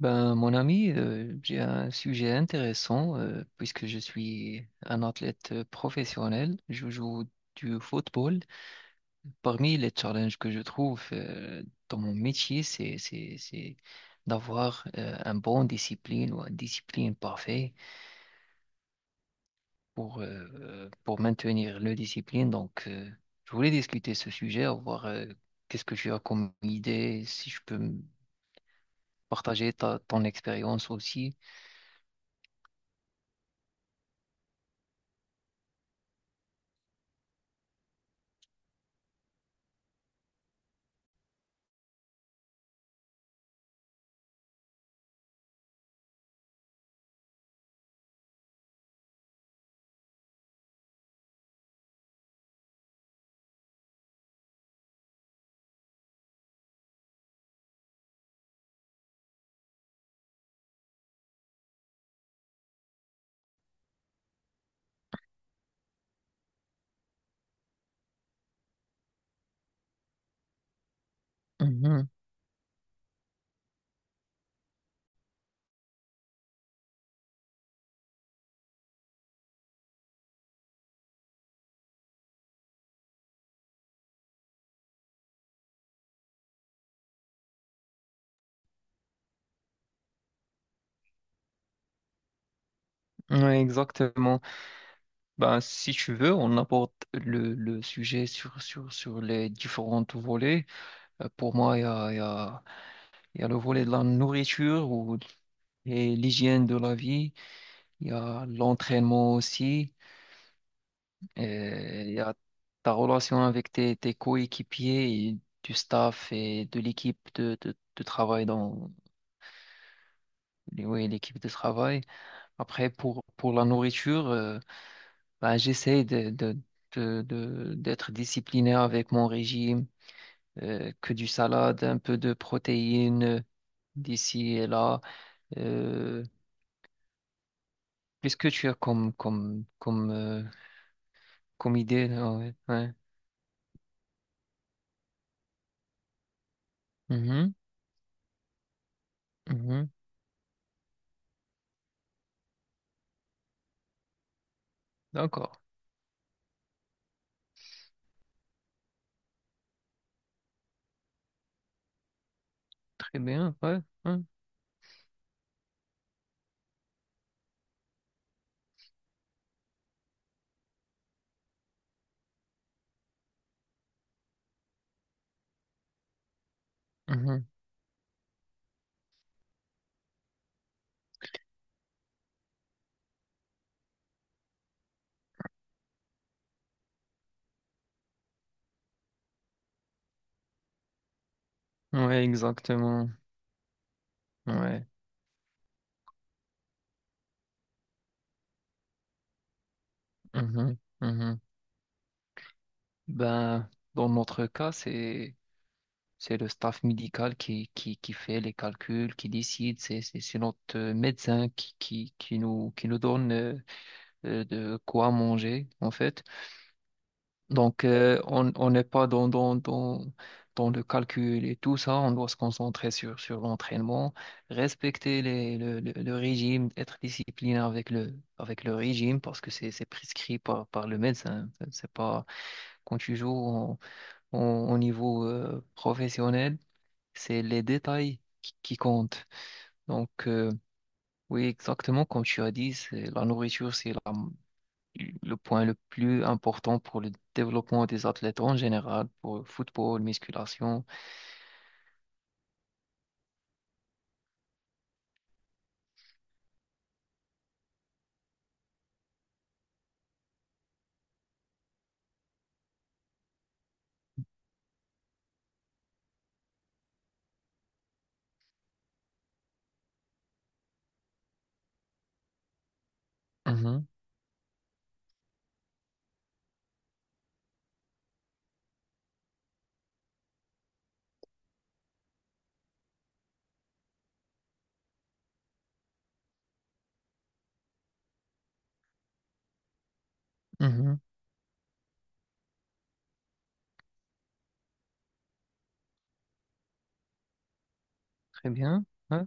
Mon ami, j'ai un sujet intéressant puisque je suis un athlète professionnel. Je joue du football. Parmi les challenges que je trouve dans mon métier, c'est d'avoir un bon discipline ou une discipline parfaite pour maintenir le discipline. Donc, je voulais discuter ce sujet, voir qu'est-ce que tu as comme idée, si je peux me partager ton expérience aussi. Mhm. Ouais, exactement. Ben, si tu veux, on aborde le sujet sur les différents volets. Pour moi, il y a, il y a, il y a le volet de la nourriture ou, et l'hygiène de la vie. Il y a l'entraînement aussi. Il y a ta relation avec tes, tes coéquipiers et du staff et de l'équipe de travail dans oui, l'équipe de travail. Après, pour la nourriture, ben, j'essaie d'être discipliné avec mon régime, que du salade, un peu de protéines d'ici et là. Euh, qu'est-ce que tu as comme idée? Là. Ouais. Ouais. Mhm, mhm. D'accord, très bien. Ouais, ouais. Mhm. Ouais, exactement. Ouais. Mhm, mhm. Ben, dans notre cas, c'est le staff médical qui fait les calculs, qui décide. C'est notre médecin qui nous donne de quoi manger en fait. Donc, on n'est pas dans le calcul et tout ça. On doit se concentrer sur l'entraînement, respecter le régime, être discipliné avec avec le régime parce que c'est prescrit par le médecin. C'est pas quand tu joues au niveau professionnel, c'est les détails qui comptent. Donc, oui, exactement comme tu as dit, c'est la nourriture, c'est le point le plus important pour le développement des athlètes en général, pour le football, musculation. Mhm, mhm. Très bien. Ouais,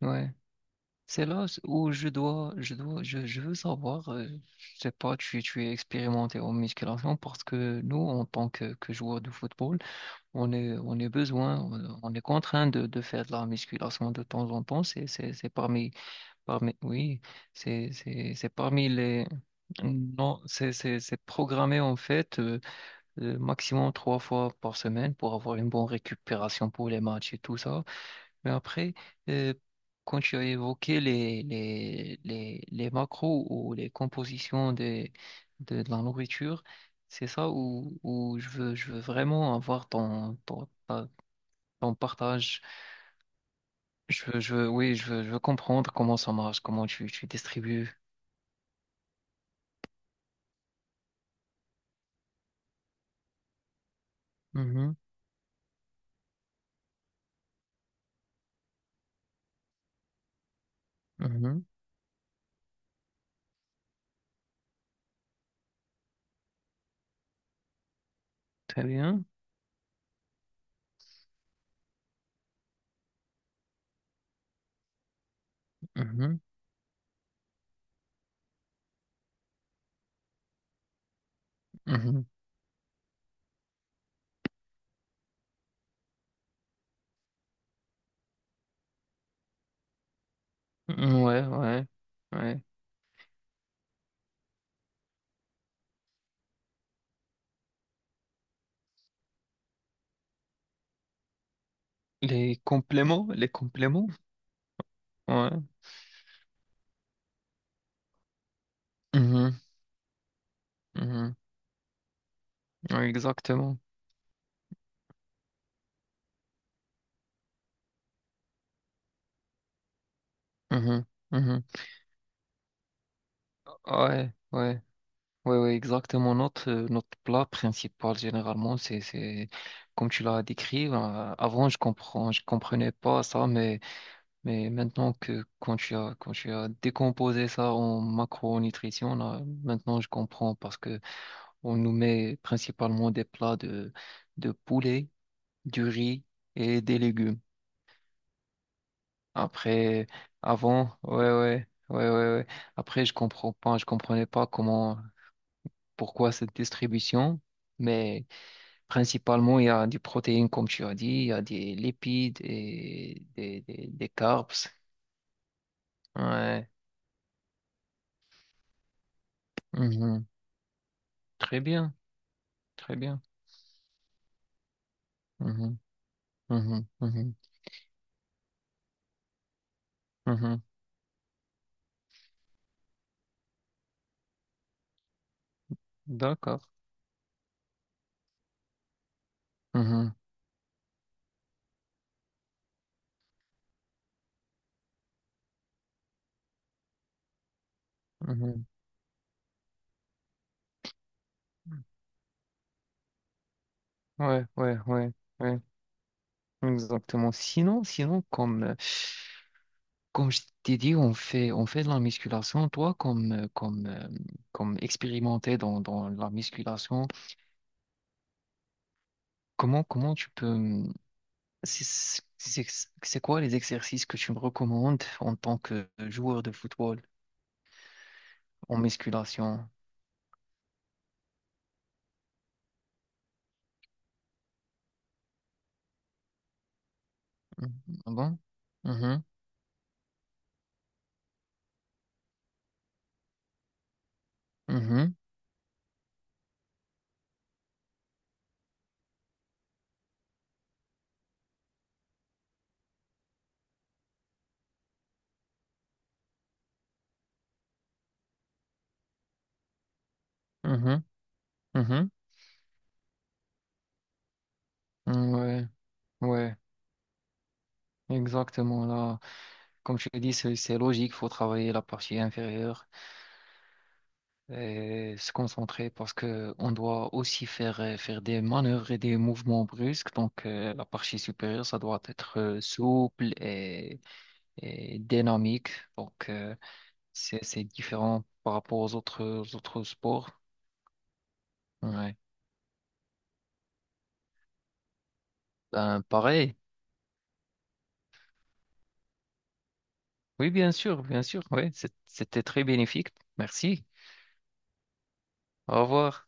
ouais. C'est là où je veux savoir, je sais pas, tu es expérimenté en musculation parce que nous, en tant que joueurs de football, on est besoin, on est contraint de faire de la musculation de temps en temps. C'est parmi, parmi, oui, c'est parmi les, non, c'est programmé en fait. Maximum 3 fois par semaine pour avoir une bonne récupération pour les matchs et tout ça. Mais après, euh, quand tu as évoqué les macros ou les compositions des, de la nourriture, c'est ça où, où je veux vraiment avoir ton partage. Je veux, oui, je veux comprendre comment ça marche, comment tu distribues. Mhm, mhm. Très bien. Mhm, mhm. Ouais, ouais, ouais. Les compléments, ouais. Mhm, mhm, ouais, exactement. Mhm, mhm. Ouais, ouais, ouais, ouais, exactement. Notre, notre plat principal, généralement, c'est comme tu l'as décrit, avant. Je comprenais pas ça, mais maintenant quand quand tu as décomposé ça en macronutrition, là maintenant je comprends, parce que on nous met principalement des plats de poulet, du riz et des légumes. Après, avant, ouais, ouais, ouais, ouais, ouais. Après, je comprenais pas comment, pourquoi cette distribution, mais principalement, il y a des protéines, comme tu as dit, il y a des lipides et des carbs. Ouais. Mhm. Très bien, très bien. Mhm. Mhm. Mhm. Mhm. D'accord. Mhm. Mhm. Ouais, ouais, ouais, ouais. Exactement. Sinon, sinon, comme je t'ai dit, on fait de la musculation. Toi, comme expérimenté dans la musculation, comment tu peux... c'est c'est- c'est quoi les exercices que tu me recommandes en tant que joueur de football en musculation? Mhm. Ah bon? Mhm. Mhm. Mhm. Mhm. Mhm. Ouais, ouais, exactement. Là, comme je te dis, c'est logique, faut travailler la partie inférieure. Et se concentrer parce que on doit aussi faire, faire des manœuvres et des mouvements brusques. Donc, la partie supérieure, ça doit être souple et dynamique. Donc, c'est différent par rapport aux autres sports. Ouais. Ben, pareil. Oui, bien sûr, bien sûr. Oui, c'était très bénéfique. Merci. Au revoir.